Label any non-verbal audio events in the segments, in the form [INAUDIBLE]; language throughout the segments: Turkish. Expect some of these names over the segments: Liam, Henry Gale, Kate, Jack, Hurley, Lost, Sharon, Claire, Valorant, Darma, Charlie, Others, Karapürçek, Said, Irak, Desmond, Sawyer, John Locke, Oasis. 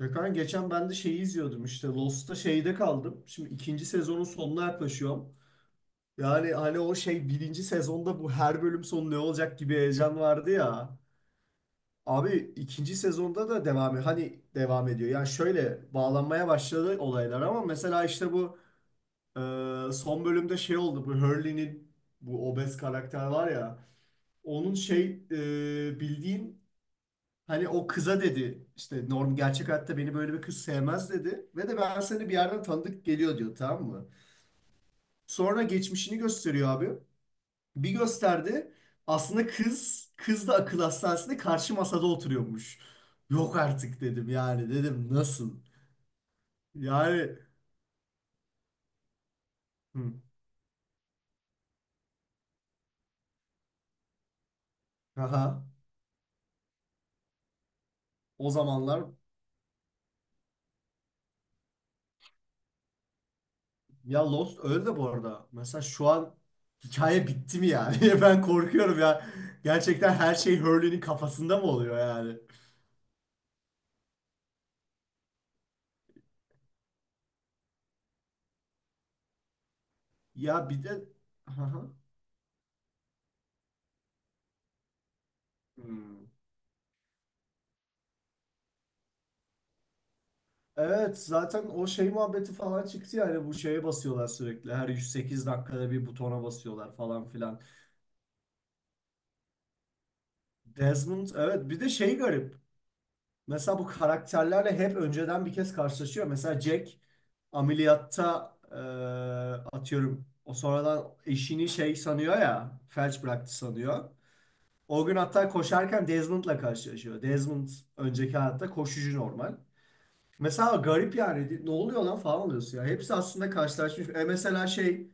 Gökhan geçen ben de şeyi izliyordum işte Lost'ta şeyde kaldım. Şimdi ikinci sezonun sonuna yaklaşıyorum. Yani hani o şey, birinci sezonda bu her bölüm sonu ne olacak gibi heyecan vardı ya. Abi ikinci sezonda da hani devam ediyor. Yani şöyle bağlanmaya başladı olaylar, ama mesela işte bu son bölümde şey oldu, bu Hurley'nin, bu obez karakter var ya. Onun şey, bildiğin. Hani o kıza dedi işte, norm gerçek hayatta beni böyle bir kız sevmez dedi. Ve de ben seni bir yerden tanıdık geliyor diyor, tamam mı? Sonra geçmişini gösteriyor abi. Bir gösterdi. Aslında kız, kız da akıl hastanesinde karşı masada oturuyormuş. Yok artık dedim, yani dedim nasıl? Yani, hı, aha, o zamanlar. Ya Lost öyle de bu arada. Mesela şu an hikaye bitti mi yani? [LAUGHS] Ben korkuyorum ya. Gerçekten her şey Hurley'nin kafasında mı oluyor yani? Ya bir de. Hı hı. Hmm. Evet, zaten o şey muhabbeti falan çıktı, yani bu şeye basıyorlar sürekli. Her 108 dakikada bir butona basıyorlar falan filan. Desmond, evet, bir de şey garip. Mesela bu karakterlerle hep önceden bir kez karşılaşıyor. Mesela Jack ameliyatta, atıyorum, o sonradan eşini şey sanıyor ya, felç bıraktı sanıyor. O gün hatta koşarken Desmond'la karşılaşıyor. Desmond önceki hayatta koşucu, normal. Mesela garip yani, ne oluyor lan falan oluyorsun ya. Hepsi aslında karşılaşmış. Mesela şey,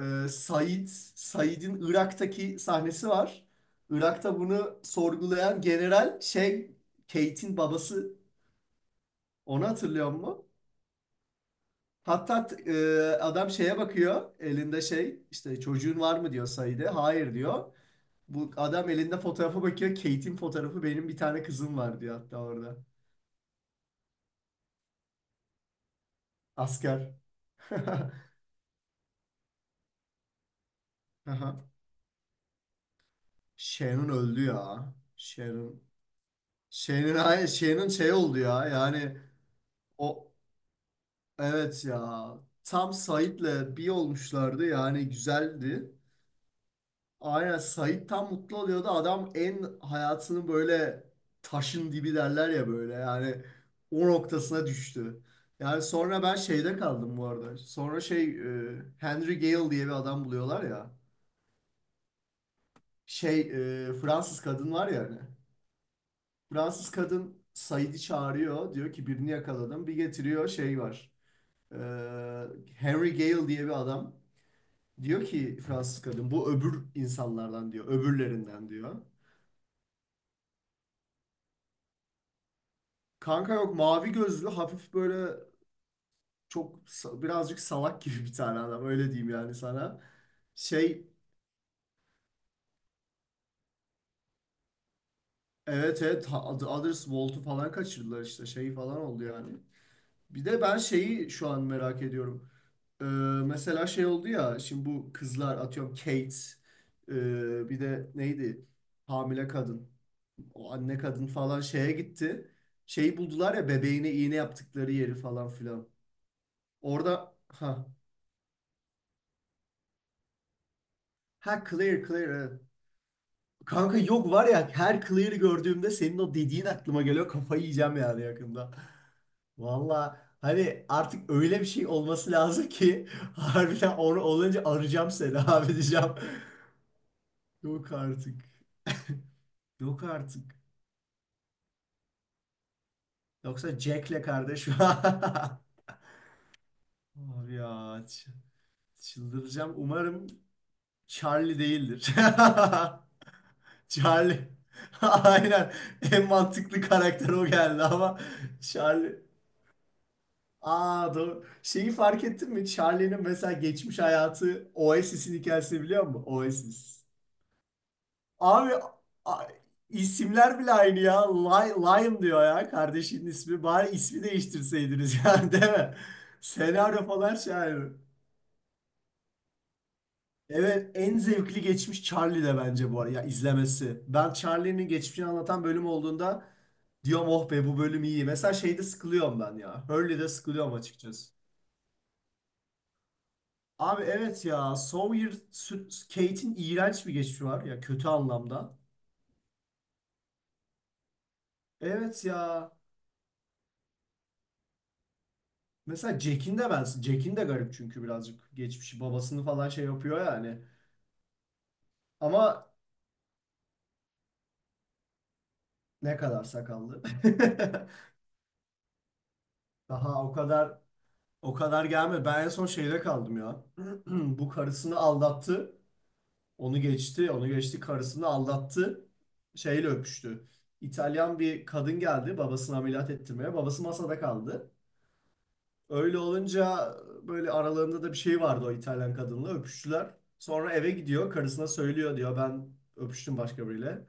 e, Said, Said'in Irak'taki sahnesi var. Irak'ta bunu sorgulayan general şey, Kate'in babası, onu hatırlıyor musun? Hatta adam şeye bakıyor, elinde şey, işte çocuğun var mı diyor Said'e. Hayır diyor. Bu adam elinde fotoğrafa bakıyor, Kate'in fotoğrafı, benim bir tane kızım var diyor hatta orada. Asker. [LAUGHS] Aha. Sharon öldü ya. Sharon. Şey'nin şeyinin şey oldu ya yani. O, evet ya, tam Sait'le bir olmuşlardı, yani güzeldi. Aynen, Sait tam mutlu oluyordu, adam en hayatının böyle, taşın dibi derler ya böyle, yani o noktasına düştü. Yani sonra ben şeyde kaldım bu arada. Sonra şey, Henry Gale diye bir adam buluyorlar ya. Şey, Fransız kadın var ya hani. Fransız kadın Sait'i çağırıyor, diyor ki birini yakaladım, bir getiriyor, şey var. Ee, Henry Gale diye bir adam, diyor ki Fransız kadın, bu öbür insanlardan diyor, öbürlerinden diyor. Kanka yok, mavi gözlü, hafif böyle çok birazcık salak gibi bir tane adam, öyle diyeyim yani sana. Şey, evet evet, Others Volt'u falan kaçırdılar işte, şey falan oldu yani. Bir de ben şeyi şu an merak ediyorum. Ee, mesela şey oldu ya, şimdi bu kızlar, atıyorum Kate, bir de neydi, hamile kadın. O anne kadın falan şeye gitti. Şeyi buldular ya, bebeğine iğne yaptıkları yeri falan filan. Orada, ha, ha Claire Claire, evet. Kanka, yok var ya, her Claire'ı gördüğümde senin o dediğin aklıma geliyor. Kafayı yiyeceğim yani yakında. Valla hani artık öyle bir şey olması lazım ki [LAUGHS] harbiden, onu olunca arayacağım seni [LAUGHS] abi diyeceğim. Yok artık. Yok artık. Yoksa Jack'le kardeş. [LAUGHS] Abi ya, ç- çıldıracağım. Umarım Charlie değildir. [LAUGHS] Charlie. [LAUGHS] Aynen. En mantıklı karakter o geldi ama. Charlie. Aa, doğru. Şeyi fark ettin mi? Charlie'nin mesela geçmiş hayatı, Oasis'in hikayesini biliyor musun? Oasis. Abi, a- isimler bile aynı ya. Liam diyor ya kardeşinin ismi. Bari ismi değiştirseydiniz [LAUGHS] yani, değil mi? Senaryo falan şey. Evet, en zevkli geçmiş Charlie de bence, bu arada ya, izlemesi. Ben Charlie'nin geçmişini anlatan bölüm olduğunda diyorum, oh be, bu bölüm iyi. Mesela şeyde sıkılıyorum ben ya, Hurley'de sıkılıyorum açıkçası. Abi evet ya, Sawyer, Kate'in iğrenç bir geçmişi var ya, kötü anlamda. Evet ya. Mesela Jack'in de garip, çünkü birazcık geçmişi, babasını falan şey yapıyor yani. Ama ne kadar sakallı. [LAUGHS] Daha o kadar gelmedi. Ben en son şeyde kaldım ya. [CLEARS THROAT] Bu karısını aldattı. Onu geçti. Onu geçti. Karısını aldattı. Şeyle öpüştü. İtalyan bir kadın geldi babasını ameliyat ettirmeye. Babası masada kaldı. Öyle olunca, böyle aralarında da bir şey vardı o İtalyan kadınla. Öpüştüler. Sonra eve gidiyor. Karısına söylüyor, diyor ben öpüştüm başka biriyle.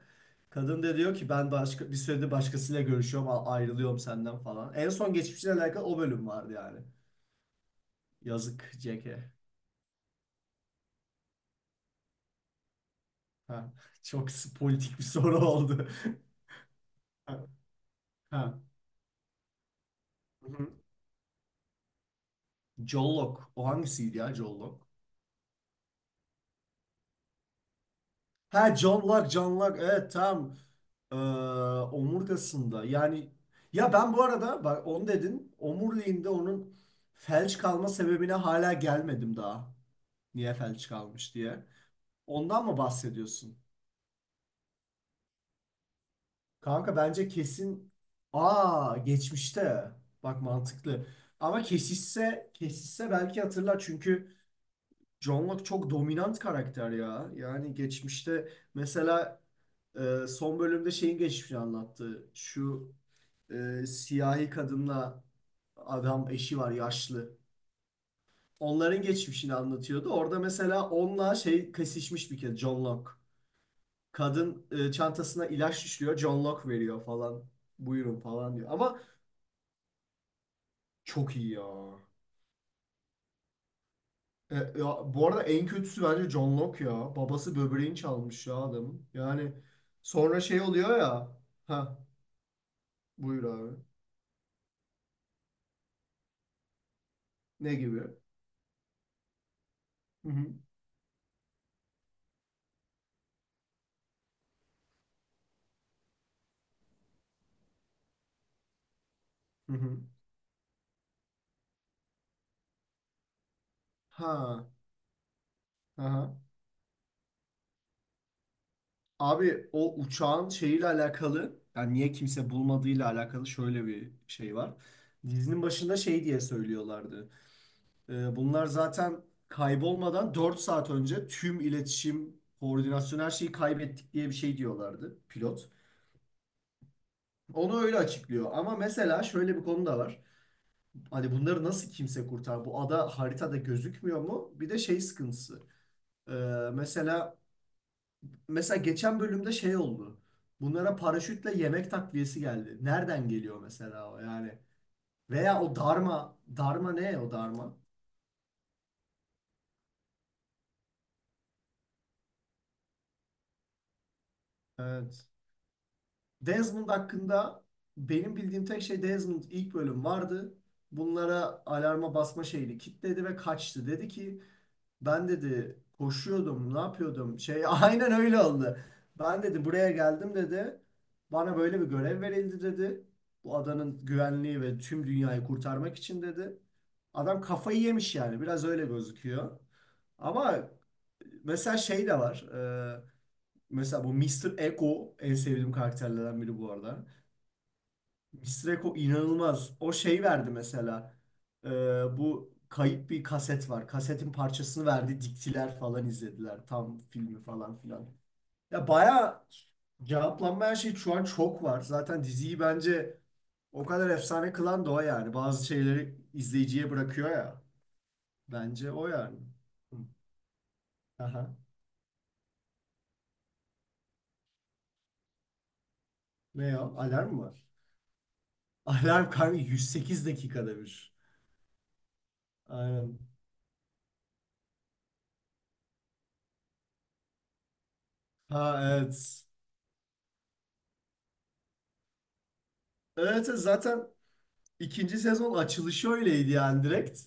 Kadın da diyor ki ben başka bir süredir başkasıyla görüşüyorum, ayrılıyorum senden falan. En son geçmişle alakalı o bölüm vardı yani. Yazık, CK. Ha, çok politik bir soru oldu. [LAUGHS] Ha. Ha. Hı hı. John Locke. O hangisiydi ya, John Locke? Ha, John Locke, John Locke. Evet, tam. Ee, omurgasında. Yani, ya ben bu arada, bak onu dedin. Omuriliğinde, onun felç kalma sebebine hala gelmedim daha. Niye felç kalmış diye. Ondan mı bahsediyorsun? Kanka bence kesin, aa, geçmişte. Bak, mantıklı. Ama kesişse kesişse belki hatırlar, çünkü John Locke çok dominant karakter ya. Yani geçmişte mesela, son bölümde şeyin geçmişini anlattı. Şu siyahi kadınla adam, eşi var yaşlı. Onların geçmişini anlatıyordu. Orada mesela onunla şey kesişmiş bir kez, John Locke. Kadın, çantasına ilaç düşüyor, John Locke veriyor falan. Buyurun falan diyor. Ama çok iyi ya. E, ya, bu arada en kötüsü bence John Locke ya. Babası böbreğini çalmış ya adam. Yani sonra şey oluyor ya. Ha, buyur abi. Ne gibi? Hı hı. Hı hı. Ha. Aha. Abi, o uçağın şeyiyle alakalı, yani niye kimse bulmadığıyla alakalı şöyle bir şey var. Dizinin başında şey diye söylüyorlardı. E, bunlar zaten kaybolmadan 4 saat önce tüm iletişim, koordinasyon, her şeyi kaybettik diye bir şey diyorlardı pilot. Onu öyle açıklıyor. Ama mesela şöyle bir konu da var. Hani bunları nasıl kimse kurtar? Bu ada haritada gözükmüyor mu? Bir de şey sıkıntısı. Ee, mesela mesela geçen bölümde şey oldu. Bunlara paraşütle yemek takviyesi geldi. Nereden geliyor mesela o yani? Veya o darma. Darma ne, o darma? Evet. Desmond hakkında benim bildiğim tek şey, Desmond ilk bölüm vardı. Bunlara alarma basma şeyini kilitledi ve kaçtı. Dedi ki, ben dedi koşuyordum, ne yapıyordum? Şey, [LAUGHS] aynen öyle oldu. Ben dedi buraya geldim dedi. Bana böyle bir görev verildi dedi. Bu adanın güvenliği ve tüm dünyayı kurtarmak için dedi. Adam kafayı yemiş yani, biraz öyle gözüküyor. Ama mesela şey de var. Mesela bu Mister Ego en sevdiğim karakterlerden biri bu arada. Mistreko inanılmaz. O şey verdi mesela. Ee, bu kayıp bir kaset var. Kasetin parçasını verdi. Diktiler falan izlediler. Tam filmi falan filan. Ya bayağı cevaplanmayan şey şu an çok var. Zaten diziyi bence o kadar efsane kılan da o yani. Bazı şeyleri izleyiciye bırakıyor ya. Bence o yani. Hı. Aha. Ne ya? Alarm mı var? [LAUGHS] Alarm kanka 108 dakikada bir. Aynen. Ha, evet. Evet evet, zaten İkinci sezon açılışı öyleydi yani, direkt.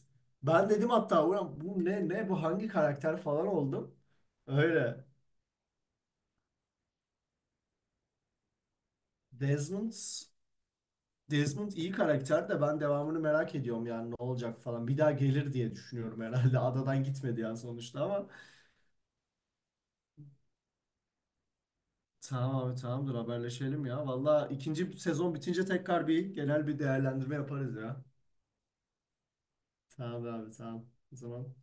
Ben dedim hatta, ulan bu ne, ne bu, hangi karakter falan oldum. Öyle. Desmond Desmond iyi karakter de, ben devamını merak ediyorum yani, ne olacak falan. Bir daha gelir diye düşünüyorum herhalde. [LAUGHS] Adadan gitmedi yani sonuçta, ama tamam abi, tamamdır, haberleşelim ya. Valla ikinci sezon bitince tekrar bir genel bir değerlendirme yaparız ya. Tamam abi, tamam. O zaman